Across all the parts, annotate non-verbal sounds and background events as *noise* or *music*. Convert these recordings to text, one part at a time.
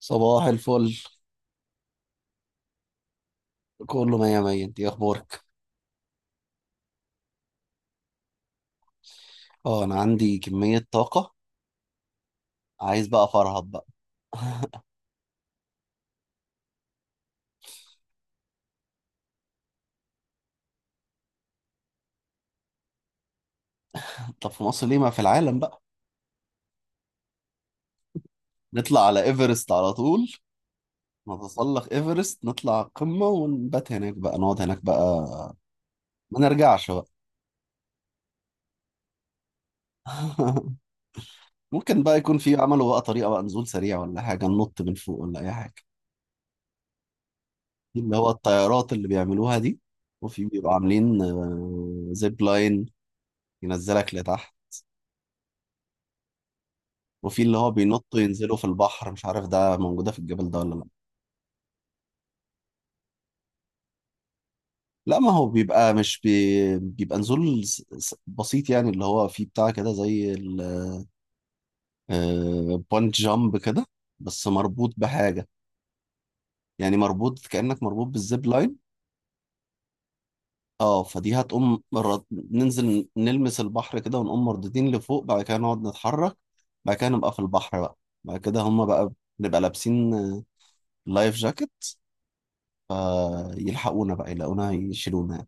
صباح الفل. كله مية مية، انت ايه اخبارك؟ اه انا عندي كمية طاقة، عايز بقى افرهد بقى. *laughs* طب في مصر ليه؟ ما في العالم بقى. نطلع على ايفرست على طول، نتسلق ايفرست نطلع القمة ونبات هناك بقى، نقعد هناك بقى، ما نرجعش بقى. *laughs* ممكن بقى يكون في عملوا بقى طريقة بقى نزول سريع ولا حاجة، ننط من فوق ولا أي حاجة؟ دي اللي هو الطيارات اللي بيعملوها دي. وفي بيبقوا عاملين زيب لاين ينزلك لتحت. وفي اللي هو بينطوا ينزلوا في البحر، مش عارف ده موجودة في الجبل ده ولا لا. لا ما هو بيبقى مش بي... بيبقى نزول بسيط، يعني اللي هو فيه بتاع كده زي البونت جامب كده، بس مربوط بحاجة. يعني مربوط، كأنك مربوط بالزيب لاين. اه فدي هتقوم مرة ننزل نلمس البحر كده ونقوم مردودين لفوق، بعد كده نقعد نتحرك، بعد كده نبقى في البحر بقى. بعد كده هما بقى نبقى لابسين لايف جاكيت، فيلحقونا بقى يلاقونا يشيلونا.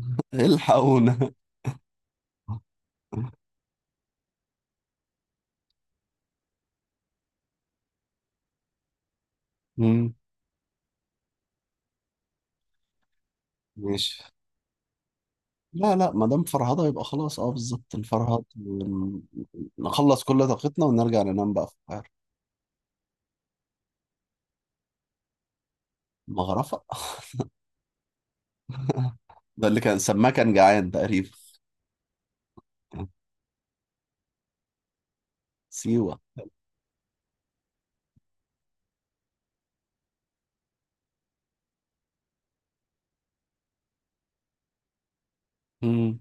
*laughs* الحقونا. مم. ماشي. لا ما دام فرهضة يبقى خلاص، اه بالظبط نفرهد نخلص كل طاقتنا ونرجع ننام بقى في القاهرة. مغرفة. *laughs* ده اللي كان سماه كان جعان تقريبا. *laughs* سيوة. مم.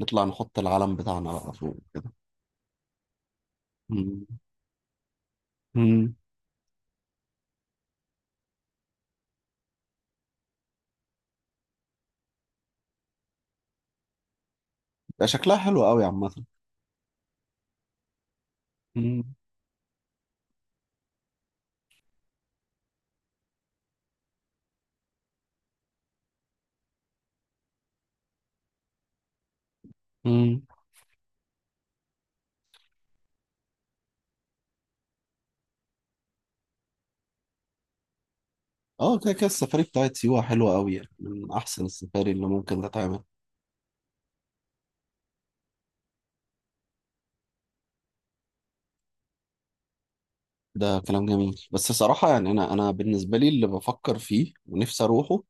نطلع نحط العلم بتاعنا بقى فوق كده. مم. مم. ده شكلها حلو قوي عامة. مم. مم. اه كده كده السفاري بتاعت سيوة حلوة قوي، يعني من أحسن السفاري اللي ممكن تتعمل. ده كلام جميل، بس صراحة يعني أنا بالنسبة لي اللي بفكر فيه ونفسي أروحه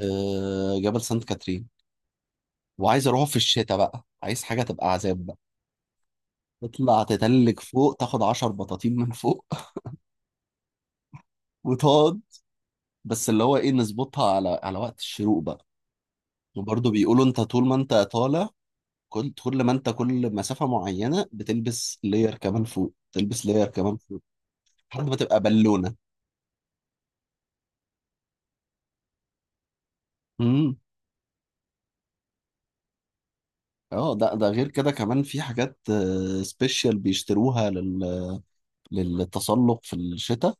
جبل سانت كاترين. وعايز اروح في الشتاء بقى، عايز حاجه تبقى عذاب بقى. تطلع تتلج فوق، تاخد 10 بطاطين من فوق *laughs* وتقعد. بس اللي هو ايه، نظبطها على على وقت الشروق بقى. وبرضه بيقولوا انت طول ما انت طالع، كل كل ما انت كل مسافه معينه بتلبس لاير كمان فوق، تلبس لاير كمان فوق، لحد ما تبقى بالونه. امم. اه ده ده غير كده كمان في حاجات سبيشال بيشتروها للتسلق في الشتاء.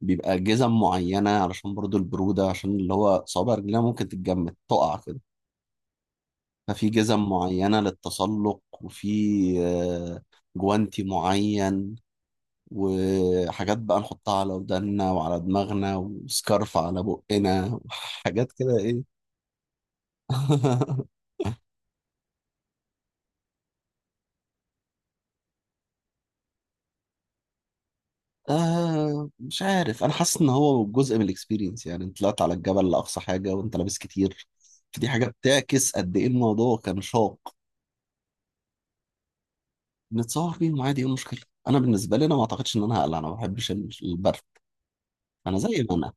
بيبقى جزم معينة علشان برضو البرودة، عشان اللي هو صوابع رجلها ممكن تتجمد تقع كده. ففي جزم معينة للتسلق، وفي آه، جوانتي معين، وحاجات بقى نحطها على ودنا وعلى دماغنا، وسكارف على بقنا، وحاجات كده ايه. *laughs* آه مش عارف، انا حاسس ان هو جزء من الاكسبيرينس، يعني انت طلعت على الجبل لاقصى حاجة وانت لابس كتير، فدي حاجة بتعكس قد ايه الموضوع كان شاق. نتصور بيهم عادي، ايه المشكله؟ انا بالنسبه لي انا ما اعتقدش ان انا هقلع، انا ما بحبش البرد، انا زي ما انا.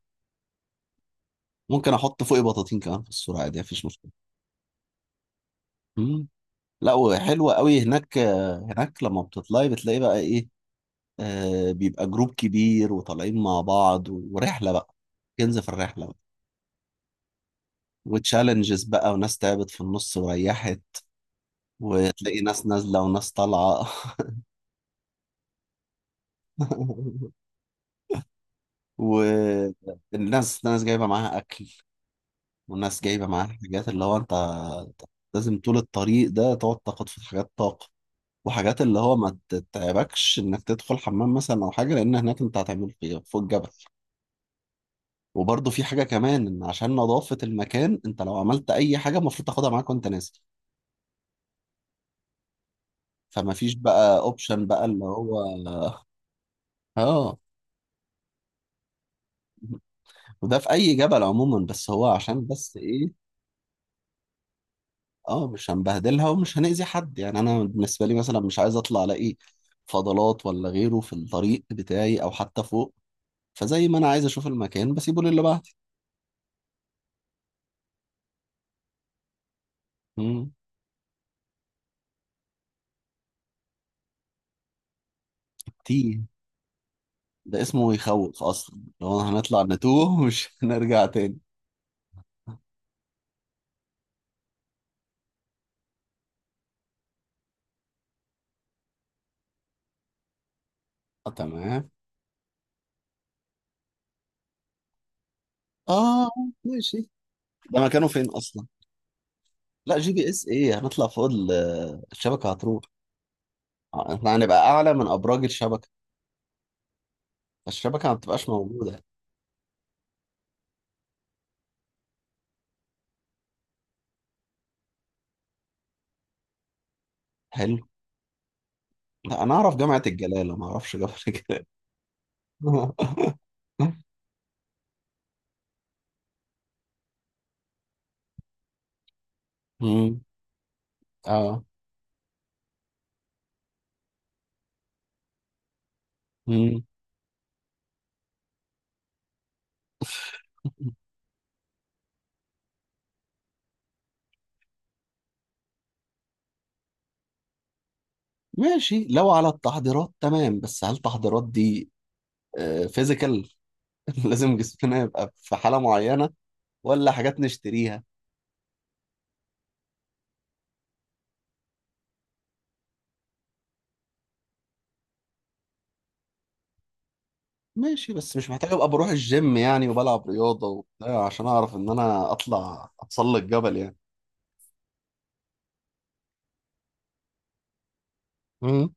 ممكن احط فوقي بطاطين كمان في الصوره عادي، مفيش مشكله. مم. لا وحلوه قوي هناك، هناك لما بتطلعي بتلاقي بقى ايه، آه بيبقى جروب كبير وطالعين مع بعض ورحله بقى، كنز في الرحله بقى، وتشالنجز بقى، وناس تعبت في النص وريحت، وتلاقي ناس نازله وناس طالعه. *laughs* والناس ناس جايبه معاها اكل، والناس جايبه معاها حاجات اللي هو انت لازم طول الطريق ده تقعد تاخد في حاجات طاقه، وحاجات اللي هو ما تتعبكش انك تدخل حمام مثلا او حاجه، لان هناك انت هتعمل في فوق الجبل. وبرده في حاجه كمان، ان عشان نظافه المكان، انت لو عملت اي حاجه المفروض تاخدها معاك وانت نازل. فما فيش بقى اوبشن بقى اللي هو. اه، وده في اي جبل عموما، بس هو عشان بس ايه. اه مش هنبهدلها ومش هنأذي حد، يعني انا بالنسبه لي مثلا مش عايز اطلع الاقي فضلات ولا غيره في الطريق بتاعي او حتى فوق، فزي ما انا عايز اشوف المكان بسيبه للي بعدي. مم. تيه، ده اسمه يخوف اصلا، لو هنطلع نتوه ومش *laughs* هنرجع تاني. اه تمام. اه. ماشي. ده مكانه فين اصلا؟ لا جي بي اس ايه، هنطلع فوق الشبكه هتروح. احنا هنبقى اعلى من ابراج الشبكه، فالشبكه ما بتبقاش موجوده. حلو. لا انا اعرف جامعه الجلاله، ما اعرفش جامعه الجلاله. *laughs* مم. اه. مم. ماشي لو على التحضيرات تمام، بس هل التحضيرات دي فيزيكال؟ *laughs* لازم جسمنا يبقى في حالة معينة ولا حاجات نشتريها؟ ماشي، بس مش محتاج ابقى بروح الجيم يعني وبلعب رياضة وبتاع عشان اعرف ان انا اطلع اتسلق جبل يعني. مم.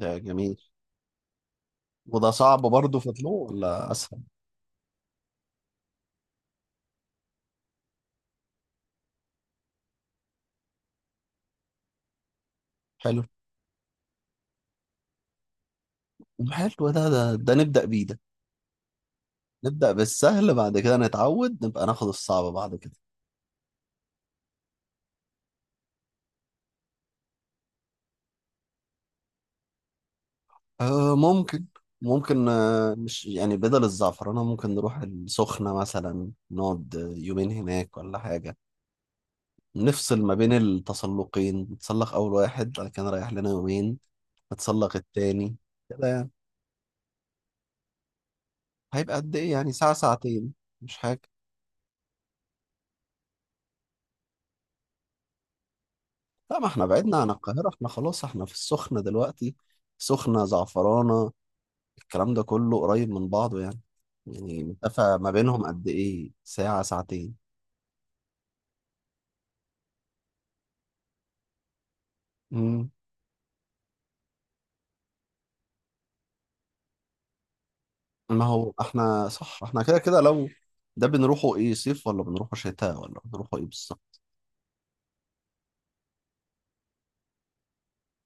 ده جميل. وده صعب برضه فطلوع ولا اسهل؟ حلو، حلو، ده ده ده نبدأ بيه ده، نبدأ بالسهل بعد كده نتعود نبقى ناخد الصعب بعد كده. آه ممكن، ممكن آه، مش يعني بدل الزعفرانة ممكن نروح السخنة مثلا نقعد يومين هناك ولا حاجة. نفصل ما بين التسلقين، نتسلق أول واحد بعد كده نريح لنا يومين، نتسلق التاني. كده يعني هيبقى قد إيه يعني؟ ساعة ساعتين؟ مش حاجة. لا ما احنا بعدنا عن القاهرة، احنا خلاص احنا في السخنة دلوقتي. سخنة، زعفرانة، الكلام ده كله قريب من بعض يعني، يعني مسافة ما بينهم قد إيه؟ ساعة ساعتين. ما هو احنا صح، احنا كده كده لو ده بنروحه ايه، صيف ولا بنروحه شتاء ولا بنروحه ايه بالظبط؟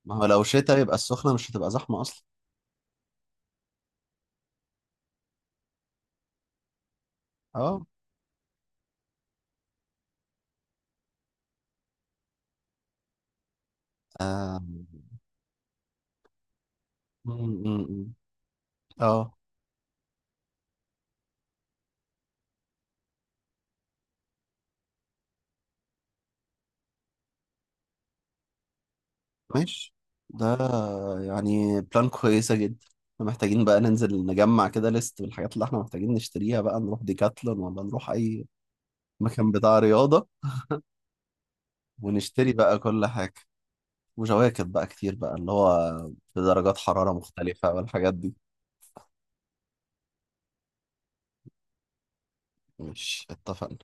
ما هو لو شتاء يبقى السخنة مش هتبقى زحمة اصلا. اه. آه. م- م- م. اه. ماشي، ده يعني بلان كويسة جدا. احنا محتاجين بقى ننزل نجمع كده ليست بالحاجات اللي احنا محتاجين نشتريها بقى، نروح ديكاتلون ولا نروح اي مكان بتاع رياضة ونشتري بقى كل حاجة، وجواكت بقى كتير بقى اللي هو بدرجات حرارة مختلفة، والحاجات دي. مش اتفقنا؟